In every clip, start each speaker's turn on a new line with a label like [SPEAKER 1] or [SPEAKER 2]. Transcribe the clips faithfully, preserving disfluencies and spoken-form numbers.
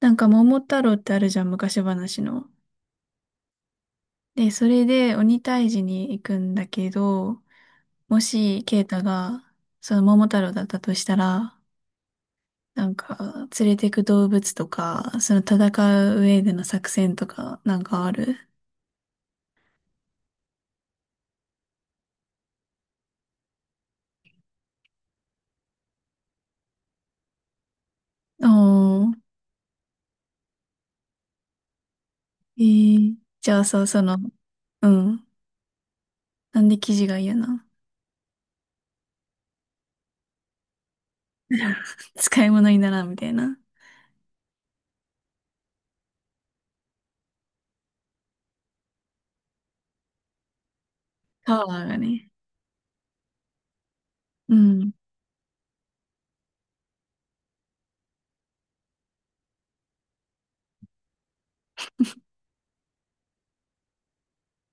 [SPEAKER 1] なんか桃太郎ってあるじゃん、昔話の。で、それで鬼退治に行くんだけど、もし、ケイタが、その桃太郎だったとしたら、なんか、連れてく動物とか、その戦う上での作戦とか、なんかある？おー。えー、じゃあそう、その、うん。なんで生地が嫌な？ 使い物にならんみたいな。パワーがね。うん。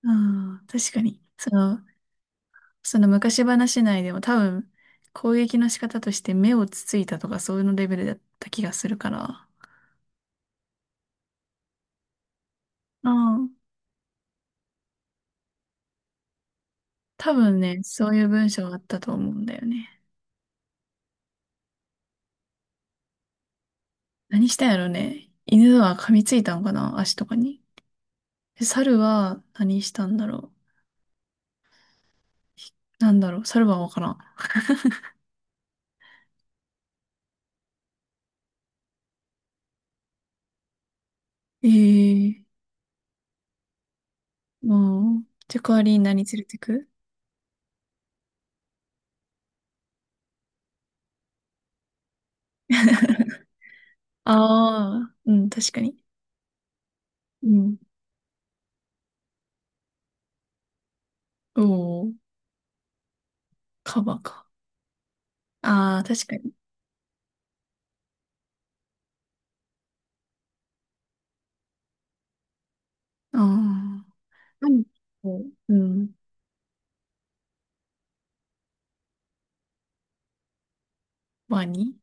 [SPEAKER 1] ああ、確かに。その、その昔話内でも多分攻撃の仕方として目をつついたとか、そういうのレベルだった気がするから。ああ、多分ね、そういう文章があったと思うんだよね。何したんやろね。犬は噛みついたのかな、足とかに。で猿は何したんだろう。なんだろう。猿はわからん。ええー、もう、じゃあ代わりに何連れてく？ ああ、うん、確かに。うん。おお、カバか。ああ、確かに。ああ。何？うん。ワニ。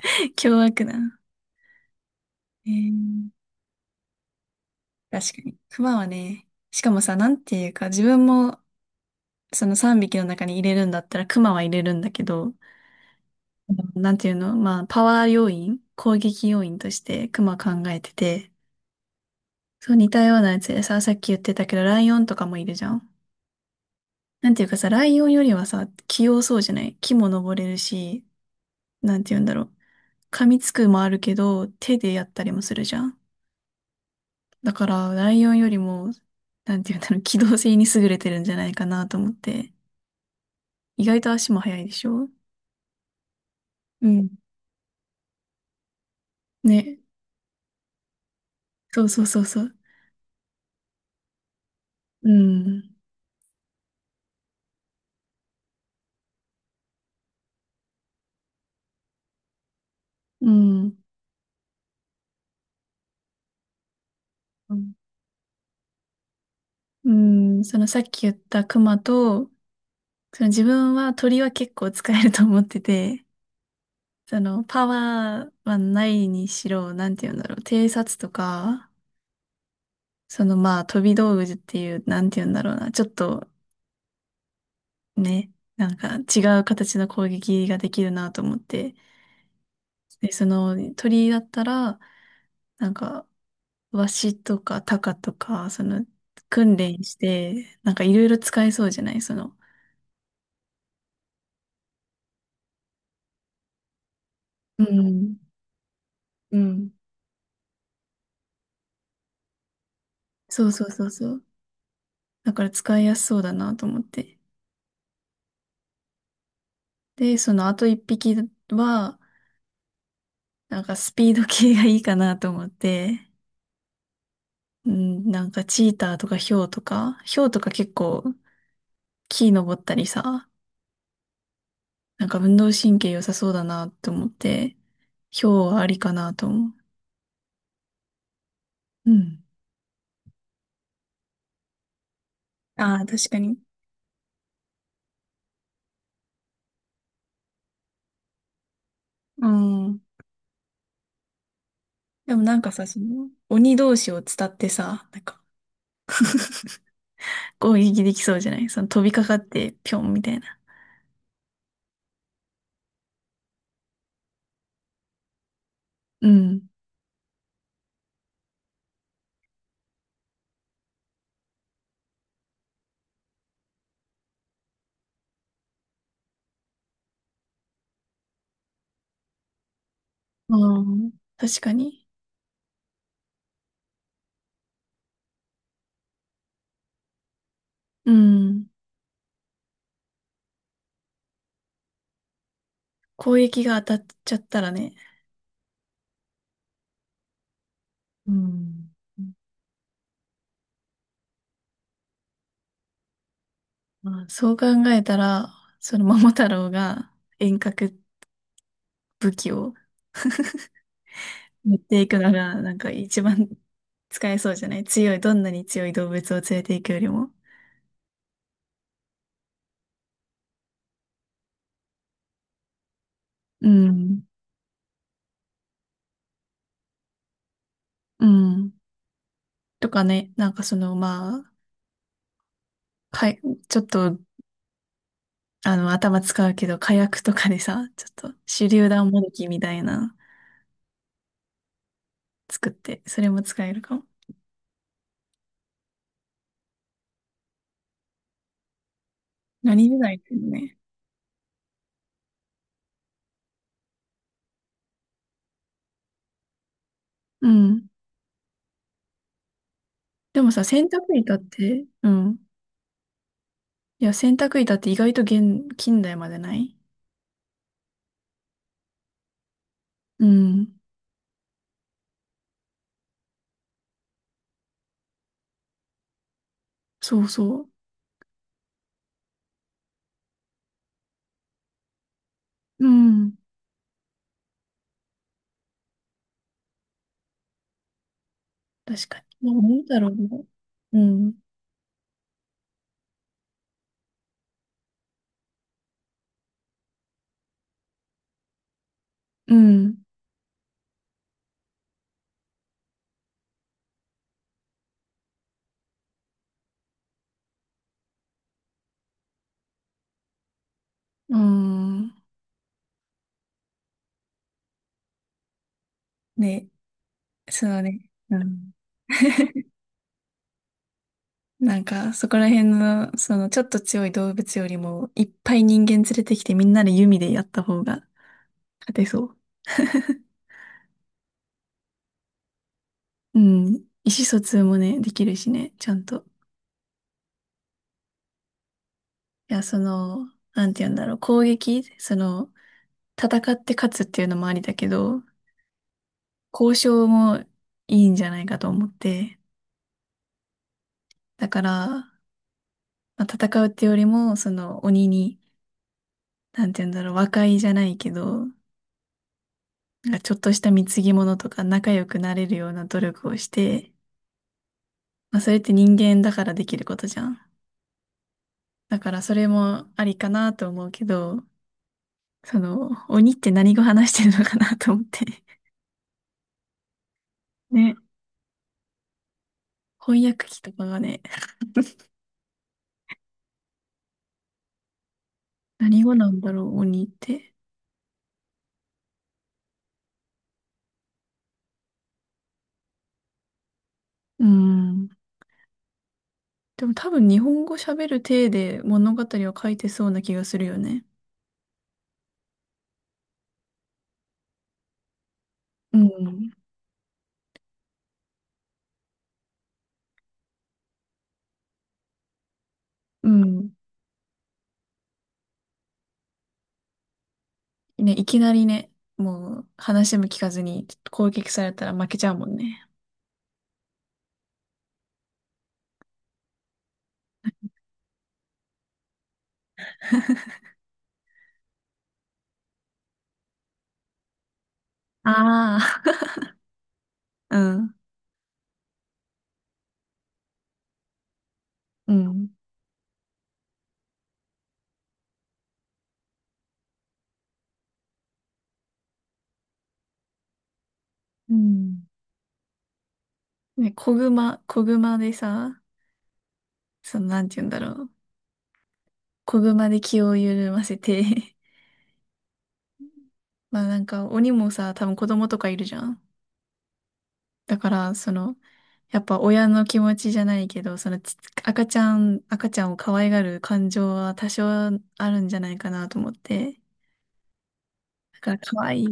[SPEAKER 1] 凶悪な。えー、確かに。クマはね、しかもさ、なんていうか、自分もそのさんびきの中に入れるんだったらクマは入れるんだけど、なんていうの、まあ、パワー要因、攻撃要因としてクマ考えてて、そう、似たようなやつでさ、さっき言ってたけど、ライオンとかもいるじゃん。なんていうかさ、ライオンよりはさ、器用そうじゃない？木も登れるし、なんていうんだろう。噛みつくもあるけど、手でやったりもするじゃん。だから、ライオンよりも、なんていうんだろう、機動性に優れてるんじゃないかなと思って。意外と足も速いでしょ？うん。ね。そうそうそうそう。うん。うん。うん。そのさっき言ったクマと、その自分は鳥は結構使えると思ってて、そのパワーはないにしろ、なんていうんだろう、偵察とか、そのまあ飛び道具っていう、なんていうんだろうな、ちょっとね、なんか違う形の攻撃ができるなと思って、で、そのね鳥だったら、なんか、ワシとかタカとか、その、訓練して、なんかいろいろ使えそうじゃない？その、うん、うん。そうそうそうそう。だから使いやすそうだなと思って。で、そのあと一匹は、なんかスピード系がいいかなと思って、うん、なんかチーターとかヒョウとか、ヒョウとか結構木登ったりさ、なんか運動神経良さそうだなと思って、ヒョウはありかなと思う。うん。ああ、確かに。うん。でもなんかさ、その、鬼同士を伝ってさ、なんか、攻撃できそうじゃない？その飛びかかって、ぴょんみたいな。うん。うん。確かに。うん。攻撃が当たっちゃったらね。うん。まあ、そう考えたら、その桃太郎が遠隔武器を持っていくのが、なんか一番使えそうじゃない？強い、どんなに強い動物を連れていくよりも。うん。うん。とかね、なんかその、まあ、かい、ちょっと、あの、頭使うけど、火薬とかでさ、ちょっと手榴弾もどきみたいなの作って、それも使えるかも。何時代っていうのね。うん。でもさ、洗濯板って、うん。いや、洗濯板って意外と現、近代までない。うん。そうそう。うん。確かに。もう、桃太郎も。うん。うん。うん。ね。そうね。うん。なんか、そこら辺の、その、ちょっと強い動物よりも、いっぱい人間連れてきてみんなで弓でやった方が勝てそう。うん。意思疎通もね、できるしね、ちゃんと。いや、その、なんて言うんだろう、攻撃、その、戦って勝つっていうのもありだけど、交渉もいいんじゃないかと思って。だから、まあ、戦うってよりも、その、鬼に、なんて言うんだろう、和解じゃないけど、なんかちょっとした貢ぎ物とか仲良くなれるような努力をして、まあ、それって人間だからできることじゃん。だからそれもありかなと思うけど、その、鬼って何語話してるのかなと思って。ね。翻訳機とかがね、何語なんだろう、鬼って。うん。でも多分日本語喋る体で物語を書いてそうな気がするよね。うん。うん。ね、いきなりね、もう話も聞かずに攻撃されたら負けちゃうもんね。ああ。うん。うん。うん。ね、子熊、子熊でさ、その、なんて言うんだろう。子熊で気を緩ませて。 まあなんか、鬼もさ、多分子供とかいるじゃん。だから、その、やっぱ親の気持ちじゃないけど、そのち、赤ちゃん、赤ちゃんを可愛がる感情は多少あるんじゃないかなと思って。だから、可愛い、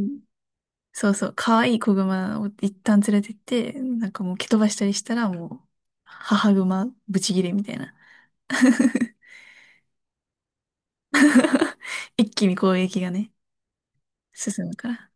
[SPEAKER 1] そうそう、可愛い子熊を一旦連れてって、なんかもう蹴飛ばしたりしたらもう、母熊ブチギレみたいな。一気に攻撃がね、進むから。